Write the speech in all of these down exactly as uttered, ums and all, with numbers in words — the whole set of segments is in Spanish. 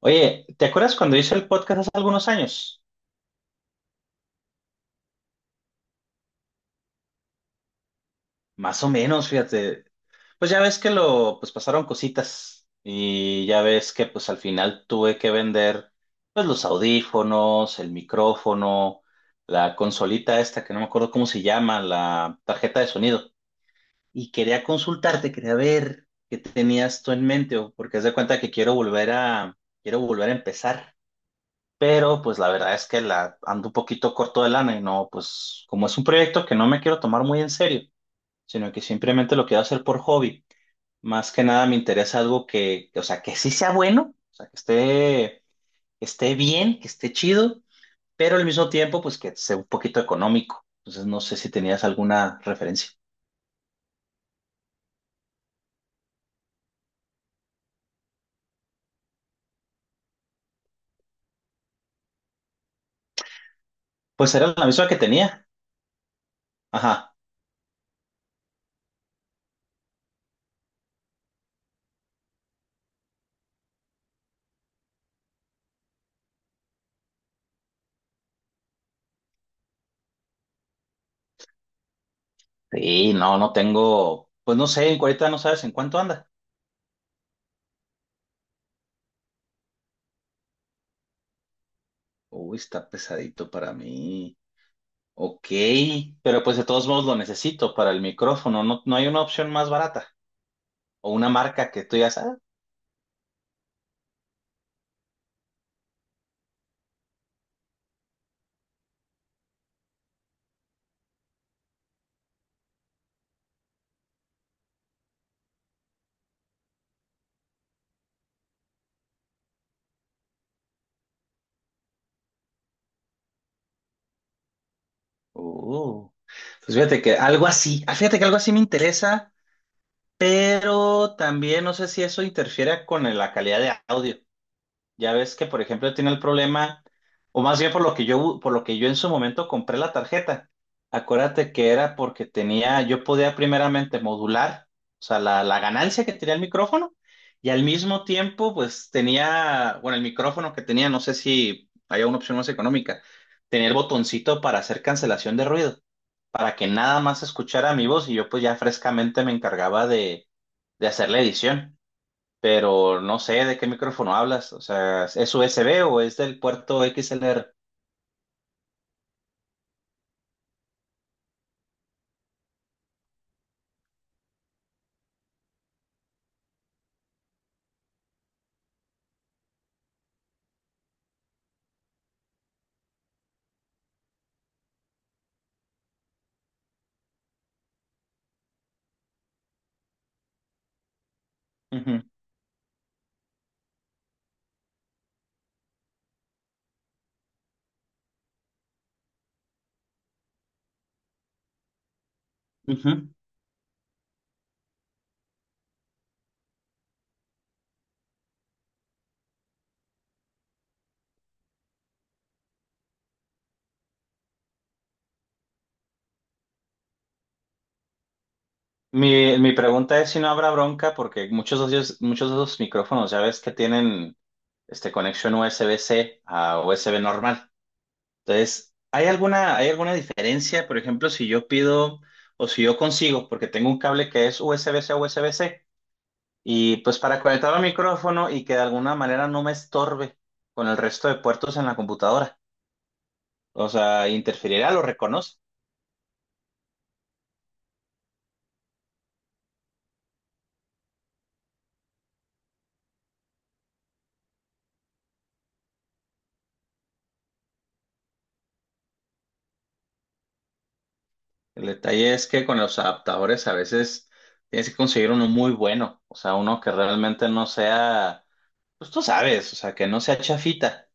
Oye, ¿te acuerdas cuando hice el podcast hace algunos años? Más o menos, fíjate. Pues ya ves que lo, pues pasaron cositas y ya ves que pues al final tuve que vender pues los audífonos, el micrófono, la consolita esta que no me acuerdo cómo se llama, la tarjeta de sonido. Y quería consultarte, quería ver qué tenías tú en mente, o- porque haz de cuenta que quiero volver a, quiero volver a empezar. Pero pues la verdad es que la ando un poquito corto de lana y no, pues como es un proyecto que no me quiero tomar muy en serio, sino que simplemente lo quiero hacer por hobby. Más que nada me interesa algo que, o sea, que sí sea bueno, o sea, que esté, que esté bien, que esté chido, pero al mismo tiempo, pues que sea un poquito económico. Entonces no sé si tenías alguna referencia. Pues era la misma que tenía. Ajá. Sí, no, no tengo, pues no sé, en ahorita no sabes en cuánto anda. Uy, está pesadito para mí. Ok, pero pues de todos modos lo necesito para el micrófono. No, no hay una opción más barata o una marca que tú ya sabes. Uh, pues fíjate que algo así, ah, fíjate que algo así me interesa, pero también no sé si eso interfiere con la calidad de audio. Ya ves que, por ejemplo, tiene el problema, o más bien por lo que yo, por lo que yo en su momento compré la tarjeta. Acuérdate que era porque tenía, yo podía primeramente modular, o sea, la, la ganancia que tenía el micrófono, y al mismo tiempo, pues tenía, bueno, el micrófono que tenía, no sé si había una opción más económica, tenía el botoncito para hacer cancelación de ruido, para que nada más escuchara mi voz y yo pues ya frescamente me encargaba de, de hacer la edición, pero no sé de qué micrófono hablas. O sea, ¿es U S B o es del puerto X L R? Ujú, ujú. Mi, mi pregunta es si no habrá bronca, porque muchos de ellos- muchos de esos micrófonos ya ves que tienen este, conexión U S B-C a U S B normal. Entonces, ¿hay alguna, hay alguna diferencia? Por ejemplo, si yo pido o si yo consigo, porque tengo un cable que es U S B-C a U S B-C, y pues para conectar al micrófono y que de alguna manera no me estorbe con el resto de puertos en la computadora. O sea, ¿interferirá, lo reconoce? El detalle es que con los adaptadores a veces tienes que conseguir uno muy bueno, o sea, uno que realmente no sea, pues tú sabes, o sea, que no sea chafita,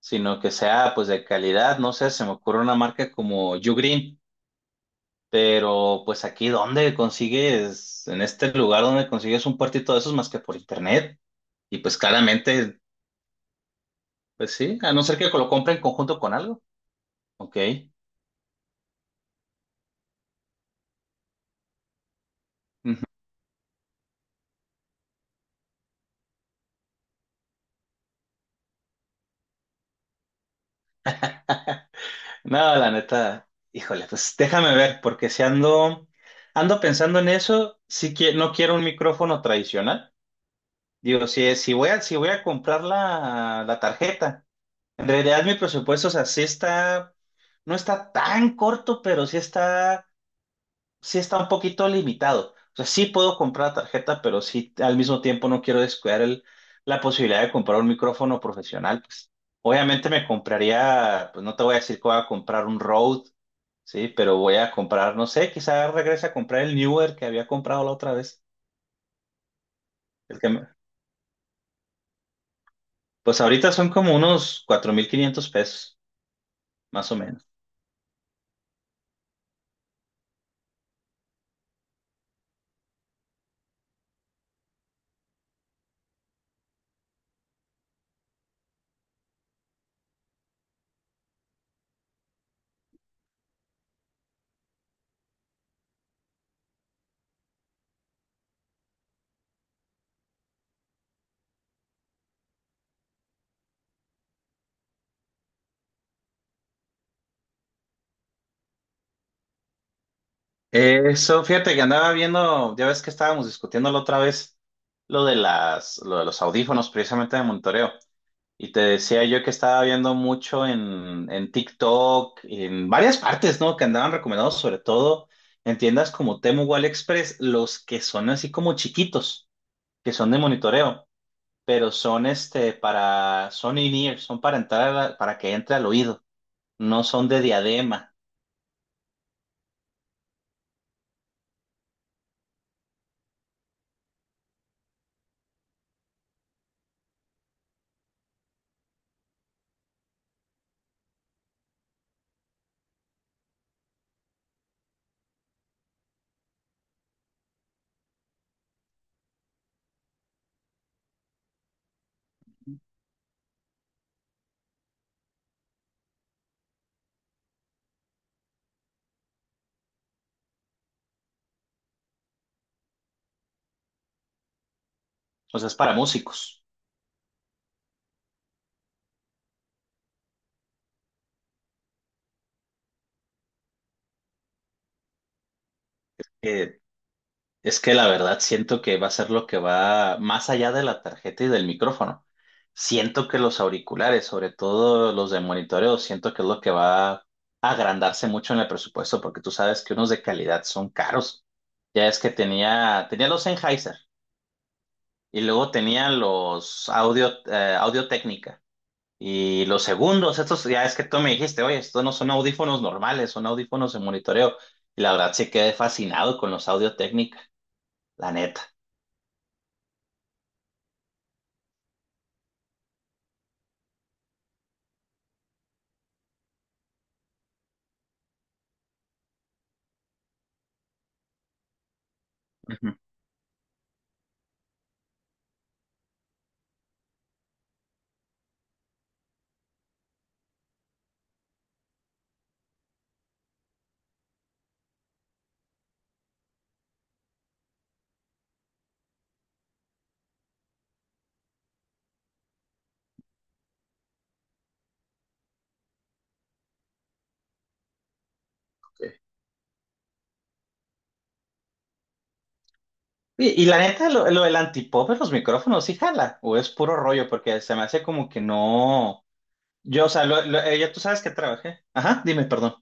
sino que sea pues de calidad, no sé, se me ocurre una marca como Ugreen, pero pues aquí ¿dónde consigues, en este lugar donde consigues un puertito de esos más que por internet. Y pues claramente, pues sí, a no ser que lo compre en conjunto con algo, ok. No, la neta, híjole, pues déjame ver, porque si ando, ando pensando en eso, sí que no quiero un micrófono tradicional. Digo, si, si voy a, si voy a comprar la, la tarjeta, en realidad mi presupuesto, o sea, sí está, no está tan corto, pero sí está, sí está un poquito limitado. O sea, sí puedo comprar la tarjeta, pero sí al mismo tiempo no quiero descuidar el, la posibilidad de comprar un micrófono profesional, pues. Obviamente me compraría, pues no te voy a decir que voy a comprar un Rode. Sí, pero voy a comprar, no sé, quizás regrese a comprar el Newer que había comprado la otra vez. El que me- Pues ahorita son como unos cuatro mil quinientos pesos, más o menos. Eso, fíjate que andaba viendo, ya ves que estábamos discutiendo la otra vez lo de las, lo de los audífonos, precisamente de monitoreo. Y te decía yo que estaba viendo mucho en, en TikTok, en varias partes, ¿no? Que andaban recomendados, sobre todo en tiendas como Temu o AliExpress, los que son así como chiquitos, que son de monitoreo. Pero son este para, son in-ear, son para entrar, a la- para que entre al oído, no son de diadema, o sea, es para músicos. Eh, es que la verdad siento que va a ser lo que va más allá de la tarjeta y del micrófono. Siento que los auriculares, sobre todo los de monitoreo, siento que es lo que va a agrandarse mucho en el presupuesto, porque tú sabes que unos de calidad son caros. Ya es que tenía, tenía los Sennheiser y luego tenía los Audio, eh, Audio. Y los segundos, estos, ya es que tú me dijiste, oye, estos no son audífonos normales, son audífonos de monitoreo. Y la verdad sí quedé fascinado con los Audio Técnica, la neta. Ujú. Ok. Y, y la neta, lo, lo del antipop en los micrófonos, ¿sí jala o es puro rollo?, porque se me hace como que no. Yo, o sea, lo- lo- eh, ya tú sabes que trabajé. Ajá, dime, perdón.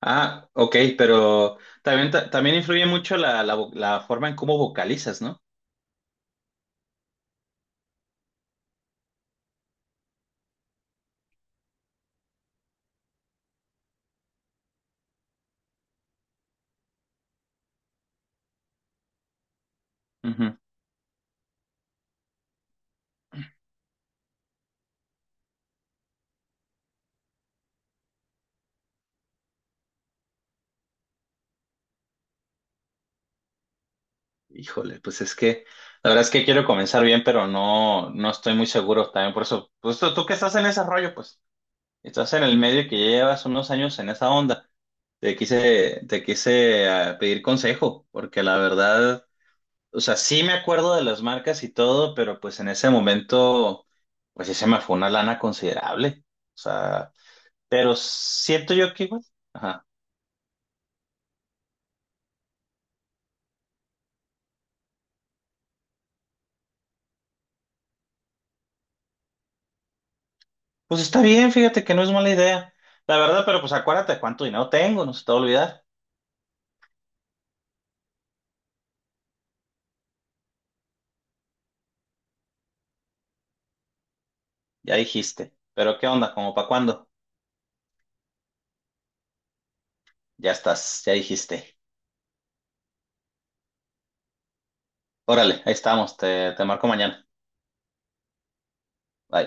Ah, ok, pero también, ta- también influye mucho la, la vo- la forma en cómo vocalizas, ¿no? Híjole, pues es que la verdad es que quiero comenzar bien, pero no, no estoy muy seguro también. Por eso, pues tú, tú que estás en ese rollo, pues estás en el medio y que ya llevas unos años en esa onda. Te quise, te quise ah, pedir consejo, porque la verdad, o sea, sí me acuerdo de las marcas y todo, pero pues en ese momento, pues sí se me fue una lana considerable. O sea, pero siento yo que igual, ajá. Pues está bien, fíjate que no es mala idea. La verdad, pero pues acuérdate cuánto dinero tengo, no se te va a olvidar. Ya dijiste. Pero ¿qué onda? ¿Cómo para cuándo? Ya estás, ya dijiste. Órale, ahí estamos. Te, te marco mañana. Bye.